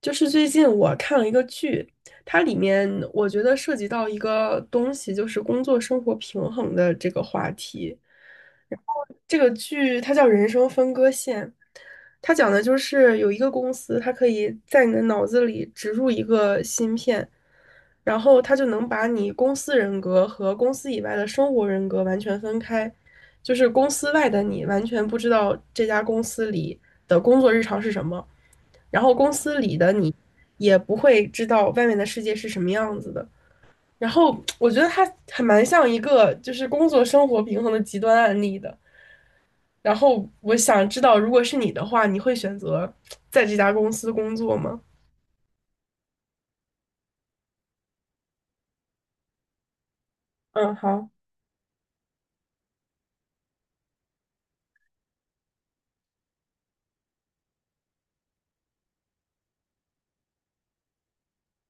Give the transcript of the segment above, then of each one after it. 就是最近我看了一个剧，它里面我觉得涉及到一个东西，就是工作生活平衡的这个话题。这个剧它叫《人生分割线》，它讲的就是有一个公司，它可以在你的脑子里植入一个芯片，然后他就能把你公司人格和公司以外的生活人格完全分开，就是公司外的你完全不知道这家公司里的工作日常是什么，然后公司里的你也不会知道外面的世界是什么样子的。然后我觉得它还蛮像一个就是工作生活平衡的极端案例的。然后我想知道，如果是你的话，你会选择在这家公司工作吗？嗯，好。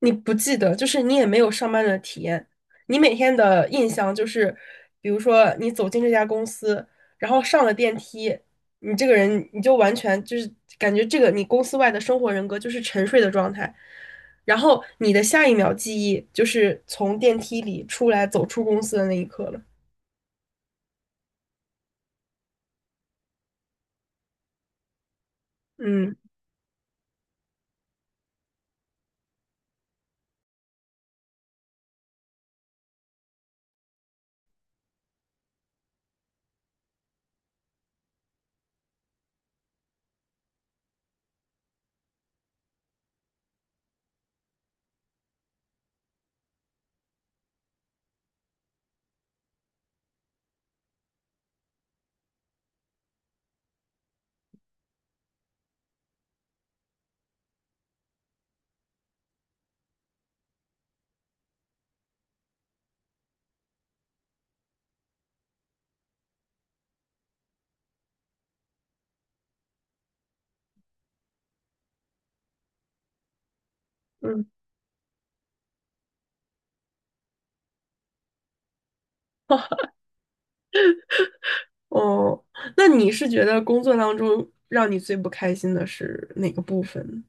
你不记得，就是你也没有上班的体验。你每天的印象就是，比如说你走进这家公司，然后上了电梯，你这个人你就完全就是感觉这个你公司外的生活人格就是沉睡的状态，然后你的下一秒记忆就是从电梯里出来走出公司的那一刻了。嗯嗯，哦，那你是觉得工作当中让你最不开心的是哪个部分呢？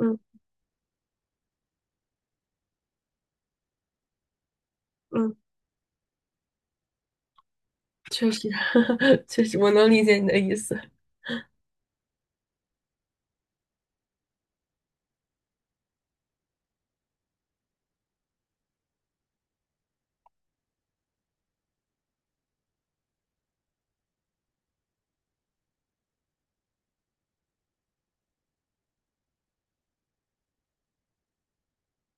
嗯嗯确实，确实，我能理解你的意思。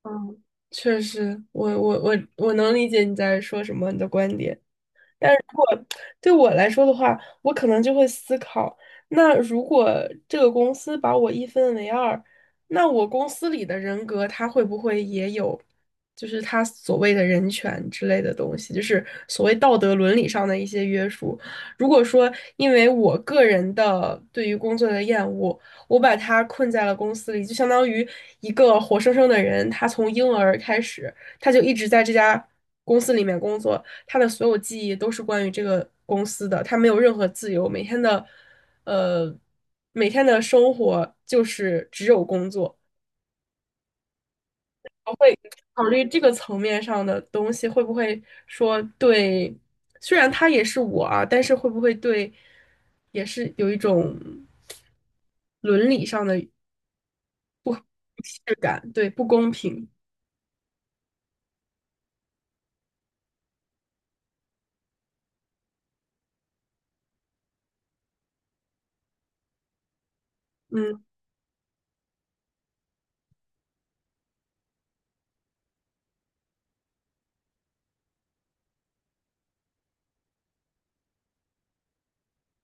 嗯确实，我能理解你在说什么，你的观点。但对我来说的话，我可能就会思考，那如果这个公司把我一分为二，那我公司里的人格他会不会也有，就是他所谓的人权之类的东西，就是所谓道德伦理上的一些约束。如果说因为我个人的对于工作的厌恶，我把他困在了公司里，就相当于一个活生生的人，他从婴儿开始，他就一直在这家公司里面工作。他的所有记忆都是关于这个公司的，他没有任何自由，每天的，呃，每天的生活就是只有工作。我会考虑这个层面上的东西，会不会说对，虽然他也是我啊，但是会不会对，也是有一种伦理上的质感，对，不公平，嗯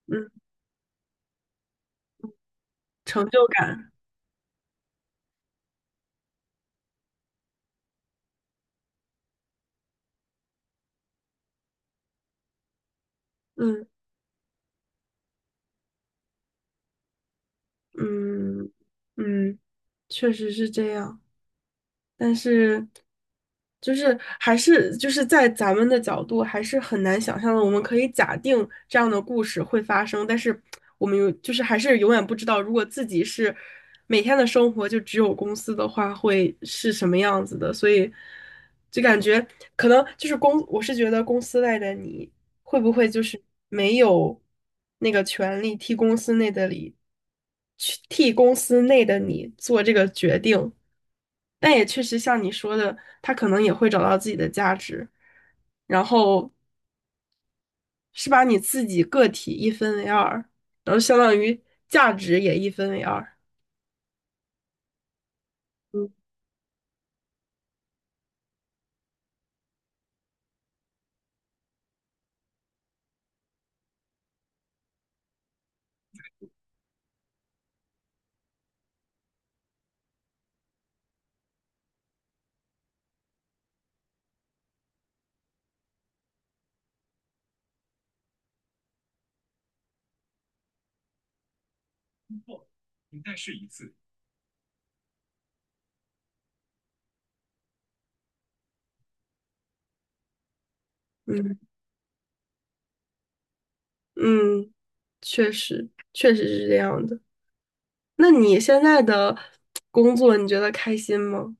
嗯，成就感，嗯嗯嗯，确实是这样。但是，就是还是就是在咱们的角度，还是很难想象的。我们可以假定这样的故事会发生，但是我们有就是还是永远不知道，如果自己是每天的生活就只有公司的话，会是什么样子的。所以，就感觉可能就是公，我是觉得公司外的你会不会就是没有那个权利替公司内的你去替公司内的你做这个决定。但也确实像你说的，他可能也会找到自己的价值，然后是把你自己个体一分为二，然后相当于价值也一分为二。嗯嗯，确实确实是这样的。那你现在的工作，你觉得开心吗？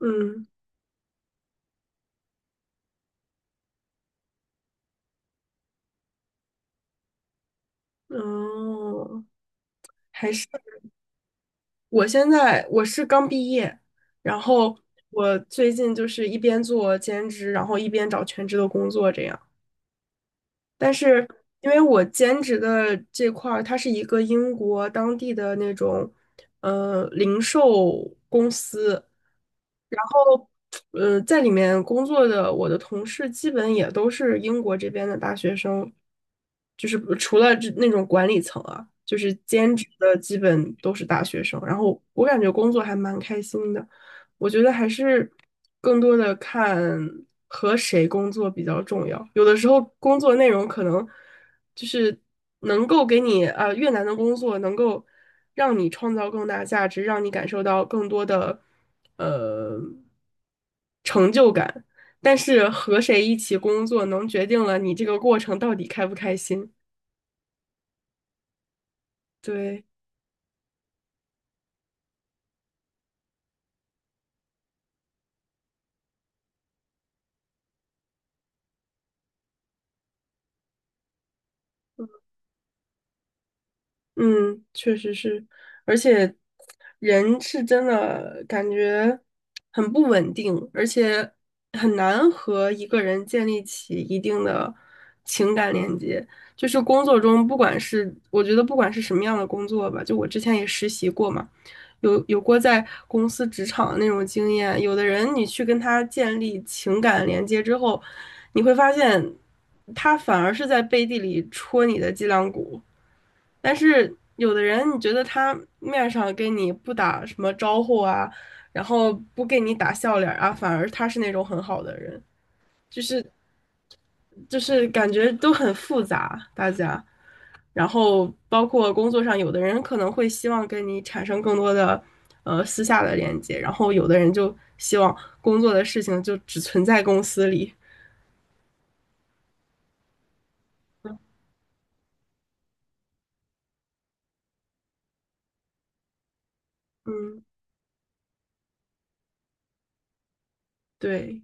嗯嗯哦，还是我现在我是刚毕业，然后我最近就是一边做兼职，然后一边找全职的工作这样。但是因为我兼职的这块儿，它是一个英国当地的那种，零售公司，然后，在里面工作的我的同事基本也都是英国这边的大学生，就是除了这那种管理层啊，就是兼职的基本都是大学生，然后我感觉工作还蛮开心的。我觉得还是更多的看和谁工作比较重要。有的时候工作内容可能就是能够给你啊、越难的工作能够让你创造更大价值，让你感受到更多的呃成就感。但是和谁一起工作，能决定了你这个过程到底开不开心。对。嗯，确实是，而且人是真的感觉很不稳定，而且很难和一个人建立起一定的情感连接。就是工作中，不管是我觉得不管是什么样的工作吧，就我之前也实习过嘛，有过在公司职场的那种经验。有的人你去跟他建立情感连接之后，你会发现他反而是在背地里戳你的脊梁骨。但是有的人，你觉得他面上跟你不打什么招呼啊，然后不给你打笑脸啊，反而他是那种很好的人。就是感觉都很复杂，大家。然后包括工作上，有的人可能会希望跟你产生更多的私下的连接，然后有的人就希望工作的事情就只存在公司里。嗯，对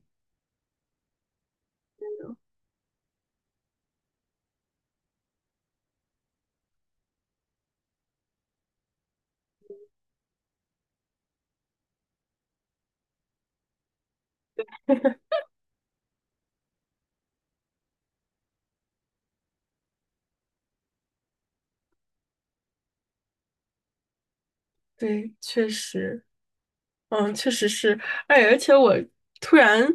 对，确实。嗯，确实是，哎，而且我突然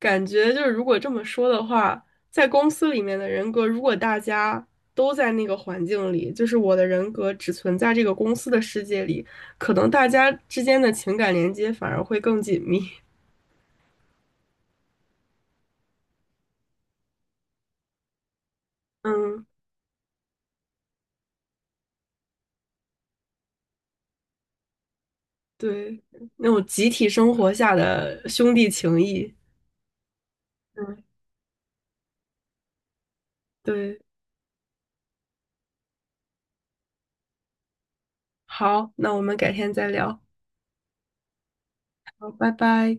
感觉，就是如果这么说的话，在公司里面的人格，如果大家都在那个环境里，就是我的人格只存在这个公司的世界里，可能大家之间的情感连接反而会更紧密。嗯，对，那种集体生活下的兄弟情谊。嗯，对，好，那我们改天再聊，好，拜拜。